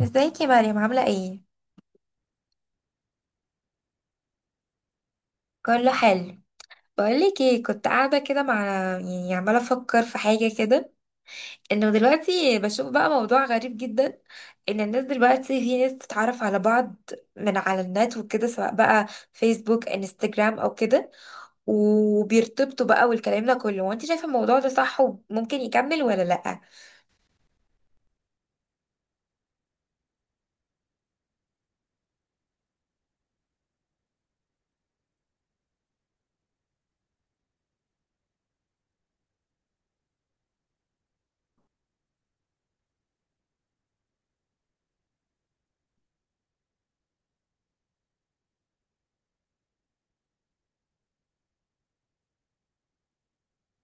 ازيك يا مريم، عاملة ايه؟ كله حلو. بقولك ايه، كنت قاعدة كده يعني عمالة افكر في حاجة كده، انه دلوقتي بشوف بقى موضوع غريب جدا، ان الناس دلوقتي في ناس تتعرف على بعض من على النت وكده، سواء بقى فيسبوك، انستجرام، او كده، وبيرتبطوا بقى والكلام ده كله. وانت شايفة الموضوع ده صح وممكن يكمل ولا لأ؟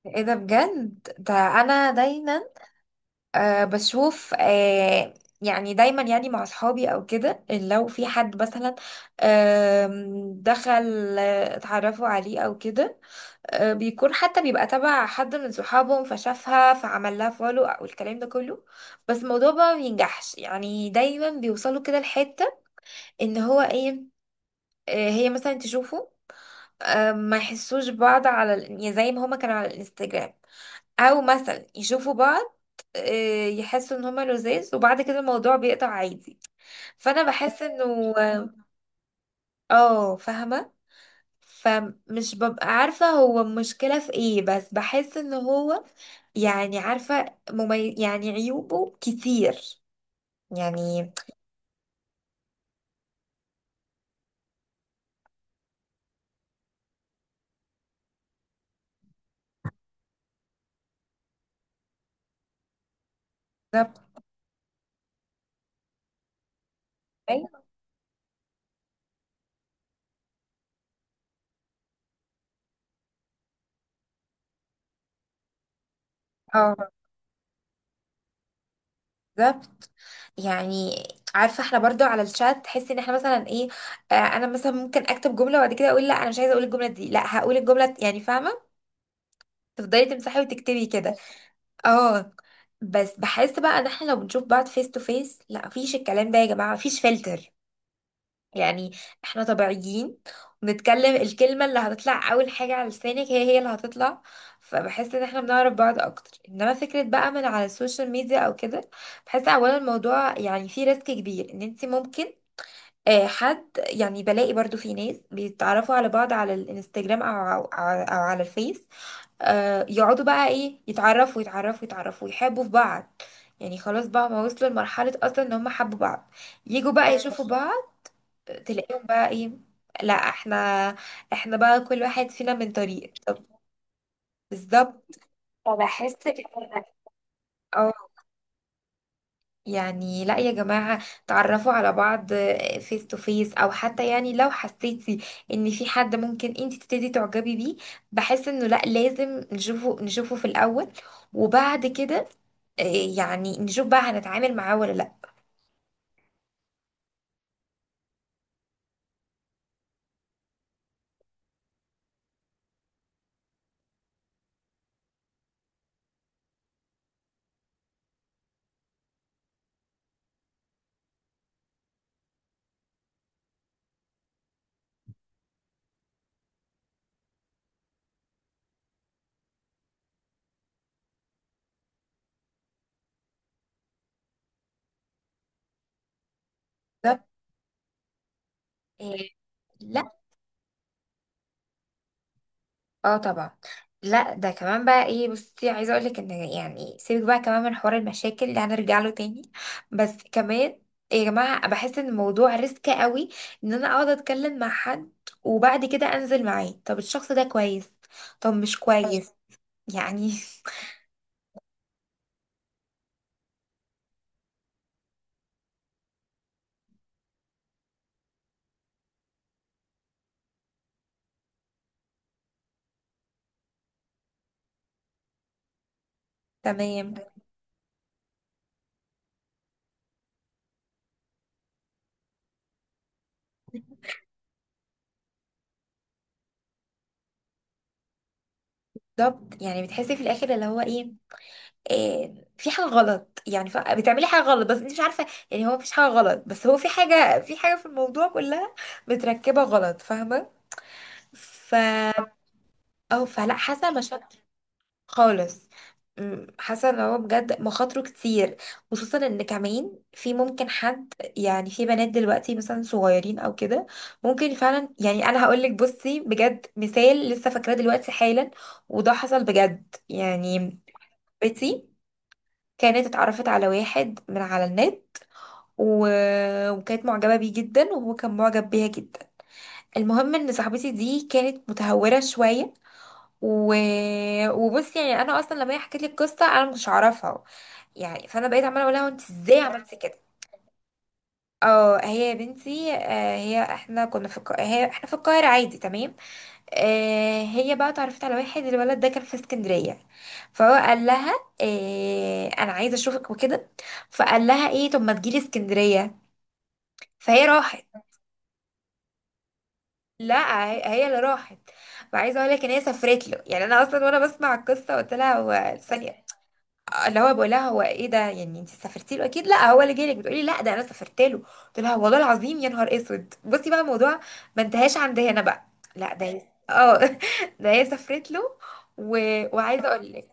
ايه ده بجد ده؟ انا دايما بشوف يعني دايما، يعني مع اصحابي او كده، إن لو في حد مثلا دخل، اتعرفوا عليه او كده. بيكون حتى بيبقى تبع حد من صحابهم، فشافها فعمل لها فولو او الكلام ده كله. بس الموضوع بقى ما بينجحش، يعني دايما بيوصلوا كده لحتة ان هو ايه، هي مثلا تشوفه، ما يحسوش بعض على يعني زي ما هما كانوا على الانستجرام، او مثلا يشوفوا بعض، يحسوا ان هما لذاذ وبعد كده الموضوع بيقطع عادي. فانا بحس انه اه، فاهمه. فمش ببقى عارفه هو المشكله في ايه، بس بحس ان هو يعني عارفه يعني عيوبه كتير يعني. بالظبط. أيوة، اه، بالظبط. يعني عارفه احنا برضو على الشات تحسي ان احنا مثلا ايه، انا مثلا ممكن اكتب جمله وبعد كده اقول لا انا مش عايزه اقول الجمله دي، لا هقول الجمله، يعني فاهمه، تفضلي تمسحي وتكتبي كده. اه. بس بحس بقى ان احنا لو بنشوف بعض فيس تو فيس لا مفيش الكلام ده يا جماعه، مفيش فلتر يعني، احنا طبيعيين، ونتكلم الكلمه اللي هتطلع اول حاجه على لسانك هي هي اللي هتطلع. فبحس ان احنا بنعرف بعض اكتر، انما فكره بقى من على السوشيال ميديا او كده، بحس اولا الموضوع يعني فيه ريسك كبير ان انت ممكن حد، يعني بلاقي برضو في ناس بيتعرفوا على بعض على الانستجرام او أو على الفيس، يقعدوا بقى ايه يتعرفوا يتعرفوا يتعرفوا يحبوا في بعض، يعني خلاص بقى ما وصلوا لمرحلة اصلا ان هم حبوا بعض، يجوا بقى يشوفوا بعض، تلاقيهم بقى ايه، لا، احنا بقى كل واحد فينا من طريق، طب. بالظبط. فبحس كده يعني لا يا جماعة، تعرفوا على بعض فيس تو فيس، او حتى يعني لو حسيتي ان في حد ممكن انت تبتدي تعجبي بيه، بحس انه لا لازم نشوفه نشوفه في الاول، وبعد كده آه، يعني نشوف بقى هنتعامل معاه ولا لا. بالظبط. آه، لا، اه، طبعا. لا ده كمان بقى ايه، بصي، عايزه اقول لك ان يعني سيبك بقى كمان من حوار المشاكل اللي هنرجع له تاني، بس كمان يا جماعه بحس ان الموضوع ريسك قوي، ان انا اقعد اتكلم مع حد وبعد كده انزل معاه. طب الشخص ده كويس، طب مش كويس، يعني. تمام. بالظبط، يعني بتحسي في الاخر اللي هو ايه، إيه، في حاجه غلط، يعني بتعملي حاجه غلط، بس انت مش عارفه، يعني هو مفيش حاجه غلط بس هو في حاجه في الموضوع كلها متركبه غلط، فاهمه. ف اه، فلا، حاسه مشاكل خالص. حاسه ان هو بجد مخاطره كتير، خصوصا ان كمان في ممكن حد، يعني في بنات دلوقتي مثلا صغيرين او كده، ممكن فعلا. يعني انا هقول لك بصي، بجد مثال لسه فاكراه دلوقتي حالا، وده حصل بجد يعني. بنتي كانت اتعرفت على واحد من على النت، و... وكانت معجبه بيه جدا وهو كان معجب بيها جدا. المهم ان صاحبتي دي كانت متهوره شويه، و... وبصي يعني انا اصلا لما هي حكت لي القصه انا ما كنتش اعرفها، يعني فانا بقيت عماله اقول لها انت ازاي عملتي كده. اه، هي يا بنتي، هي احنا في القاهره عادي، تمام. هي بقى اتعرفت على واحد، الولد ده كان في اسكندريه، فهو قال لها انا عايزه اشوفك وكده، فقال لها ايه، طب ما تجيلي اسكندريه، فهي راحت. لا، هي هي اللي راحت. فعايزه اقول لك ان هي سافرت له، يعني انا اصلا وانا بسمع القصه قلت لها هو ثانيه، اللي هو بقول لها هو ايه ده، يعني انت سافرتي له؟ اكيد لا، هو اللي جالك، بتقولي لا، ده انا سافرت له. قلت لها والله العظيم يا نهار اسود. بصي بقى، الموضوع ما انتهاش عند هنا بقى. لا ده هي، اه، ده هي سافرت له، و... وعايزه اقول لك،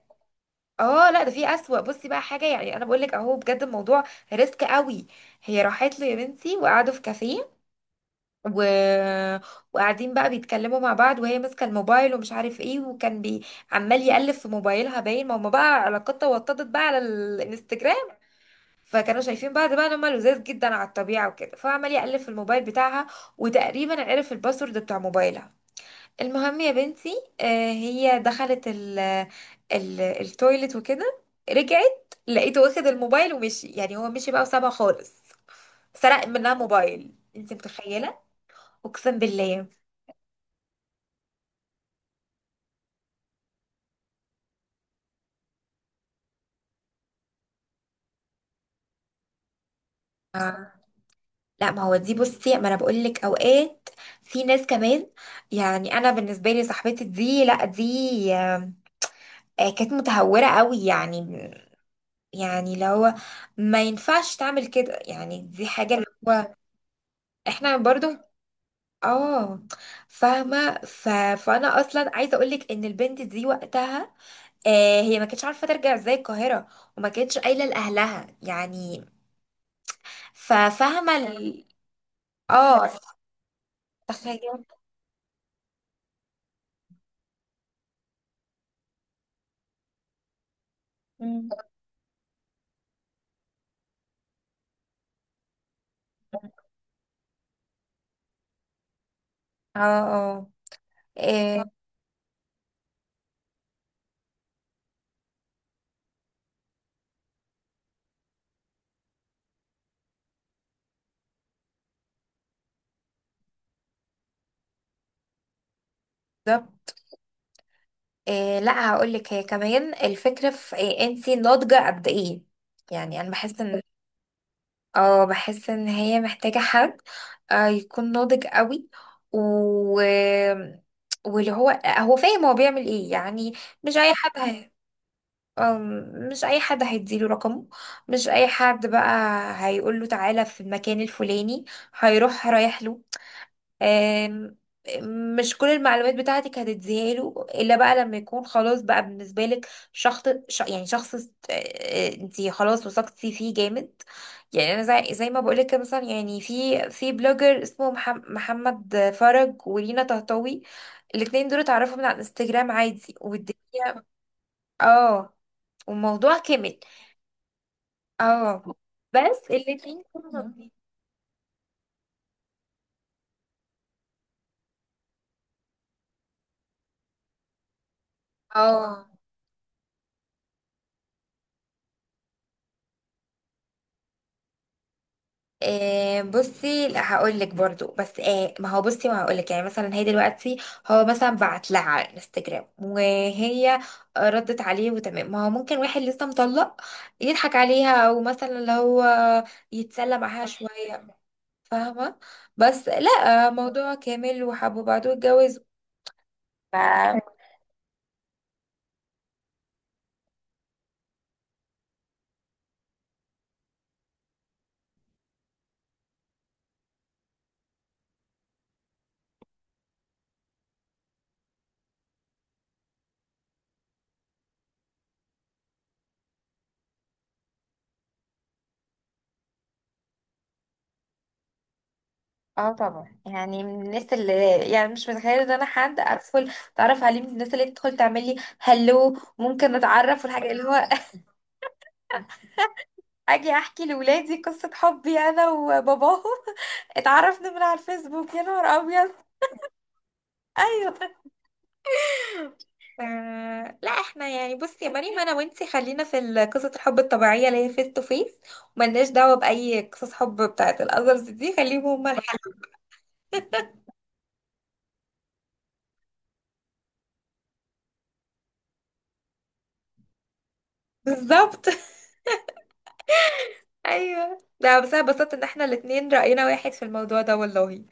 اه، لا ده في اسوأ. بصي بقى حاجه، يعني انا بقول لك اهو بجد الموضوع ريسك قوي. هي راحت له يا بنتي وقعدوا في كافيه، و... وقاعدين بقى بيتكلموا مع بعض، وهي ماسكه الموبايل، ومش عارف ايه، عمال يقلب في موبايلها، باين ما هم بقى علاقتها وطدت بقى على الانستجرام، فكانوا شايفين بعض بقى ان هما لذاذ جدا على الطبيعه وكده، فعمال يقلب في الموبايل بتاعها، وتقريبا عرف الباسورد بتاع موبايلها. المهم يا بنتي، هي دخلت ال التويلت وكده، رجعت لقيته واخد الموبايل ومشي، يعني هو مشي بقى وسابها خالص، سرق منها موبايل، انت متخيله؟ اقسم بالله. آه. لا، ما هو دي بصي، ما انا بقول لك اوقات في ناس كمان، يعني انا بالنسبه لي صاحبتي دي، لا، دي، كانت متهورة قوي يعني، يعني اللي هو ما ينفعش تعمل كده، يعني دي حاجة اللي هو احنا برضو، اه، فاهمة فانا اصلا عايزة اقولك ان البنت دي وقتها هي ما كانتش عارفة ترجع ازاي القاهرة، وما كانتش قايلة لأهلها يعني. ففاهمة اه، تخيل. مم. اه، اه، إيه، بالظبط. إيه، لا هقول لك، هي كمان الفكره في إيه انت ناضجه قد ايه، يعني انا بحس ان اه، بحس ان هي محتاجة حد يكون ناضج قوي و واللي هو هو فاهم هو بيعمل ايه يعني، مش اي حد مش اي حد هيديله رقمه، مش اي حد بقى هيقول له تعالى في المكان الفلاني هيروح رايح له، آم، مش كل المعلومات بتاعتك هتديها له الا بقى لما يكون خلاص بقى بالنسبه لك شخص، يعني شخص انت خلاص وثقتي فيه جامد. يعني انا زي ما بقولك كده، مثلا يعني في بلوجر اسمه محمد فرج، ولينا طهطاوي، الاتنين دول اتعرفوا من على الانستجرام عادي، والدنيا. اه. والموضوع كمل. اه. بس الاتنين كانوا. اه. بصي، لا هقول لك برضو، بس ما هو بصي، ما هقول لك يعني مثلا، هي دلوقتي هو مثلا بعت لها على الانستجرام وهي ردت عليه وتمام، ما هو ممكن واحد لسه مطلق يضحك عليها، او مثلا اللي هو يتسلى معاها شوية، فاهمة؟ بس لا، موضوع كامل وحبوا بعض واتجوزوا ف- اه طبعا، يعني من الناس اللي، يعني مش متخيله ان انا حد ادخل اتعرف عليه، من الناس اللي تدخل تعمل لي هلو، ممكن نتعرف، والحاجه اللي هو اجي احكي لولادي قصة حبي انا وباباهم، اتعرفنا من على الفيسبوك، يا نهار ابيض. ايوه. لا، احنا يعني بصي يا مريم، انا وانتي خلينا في قصة الحب الطبيعية اللي هي فيس تو فيس، وملناش دعوة بأي قصص حب بتاعت الأذرز دي، خليهم هما الحل. بالظبط. ايوه. ده بس انا اتبسطت ان احنا الاتنين رأينا واحد في الموضوع ده والله.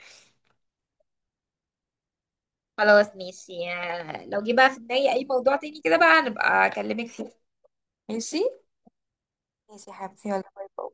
خلاص، ماشي، لو جه بقى في دماغي اي موضوع تاني كده بقى هنبقى اكلمك فيه. ماشي. ماشي يا حبيبتي، يلا، باي باي.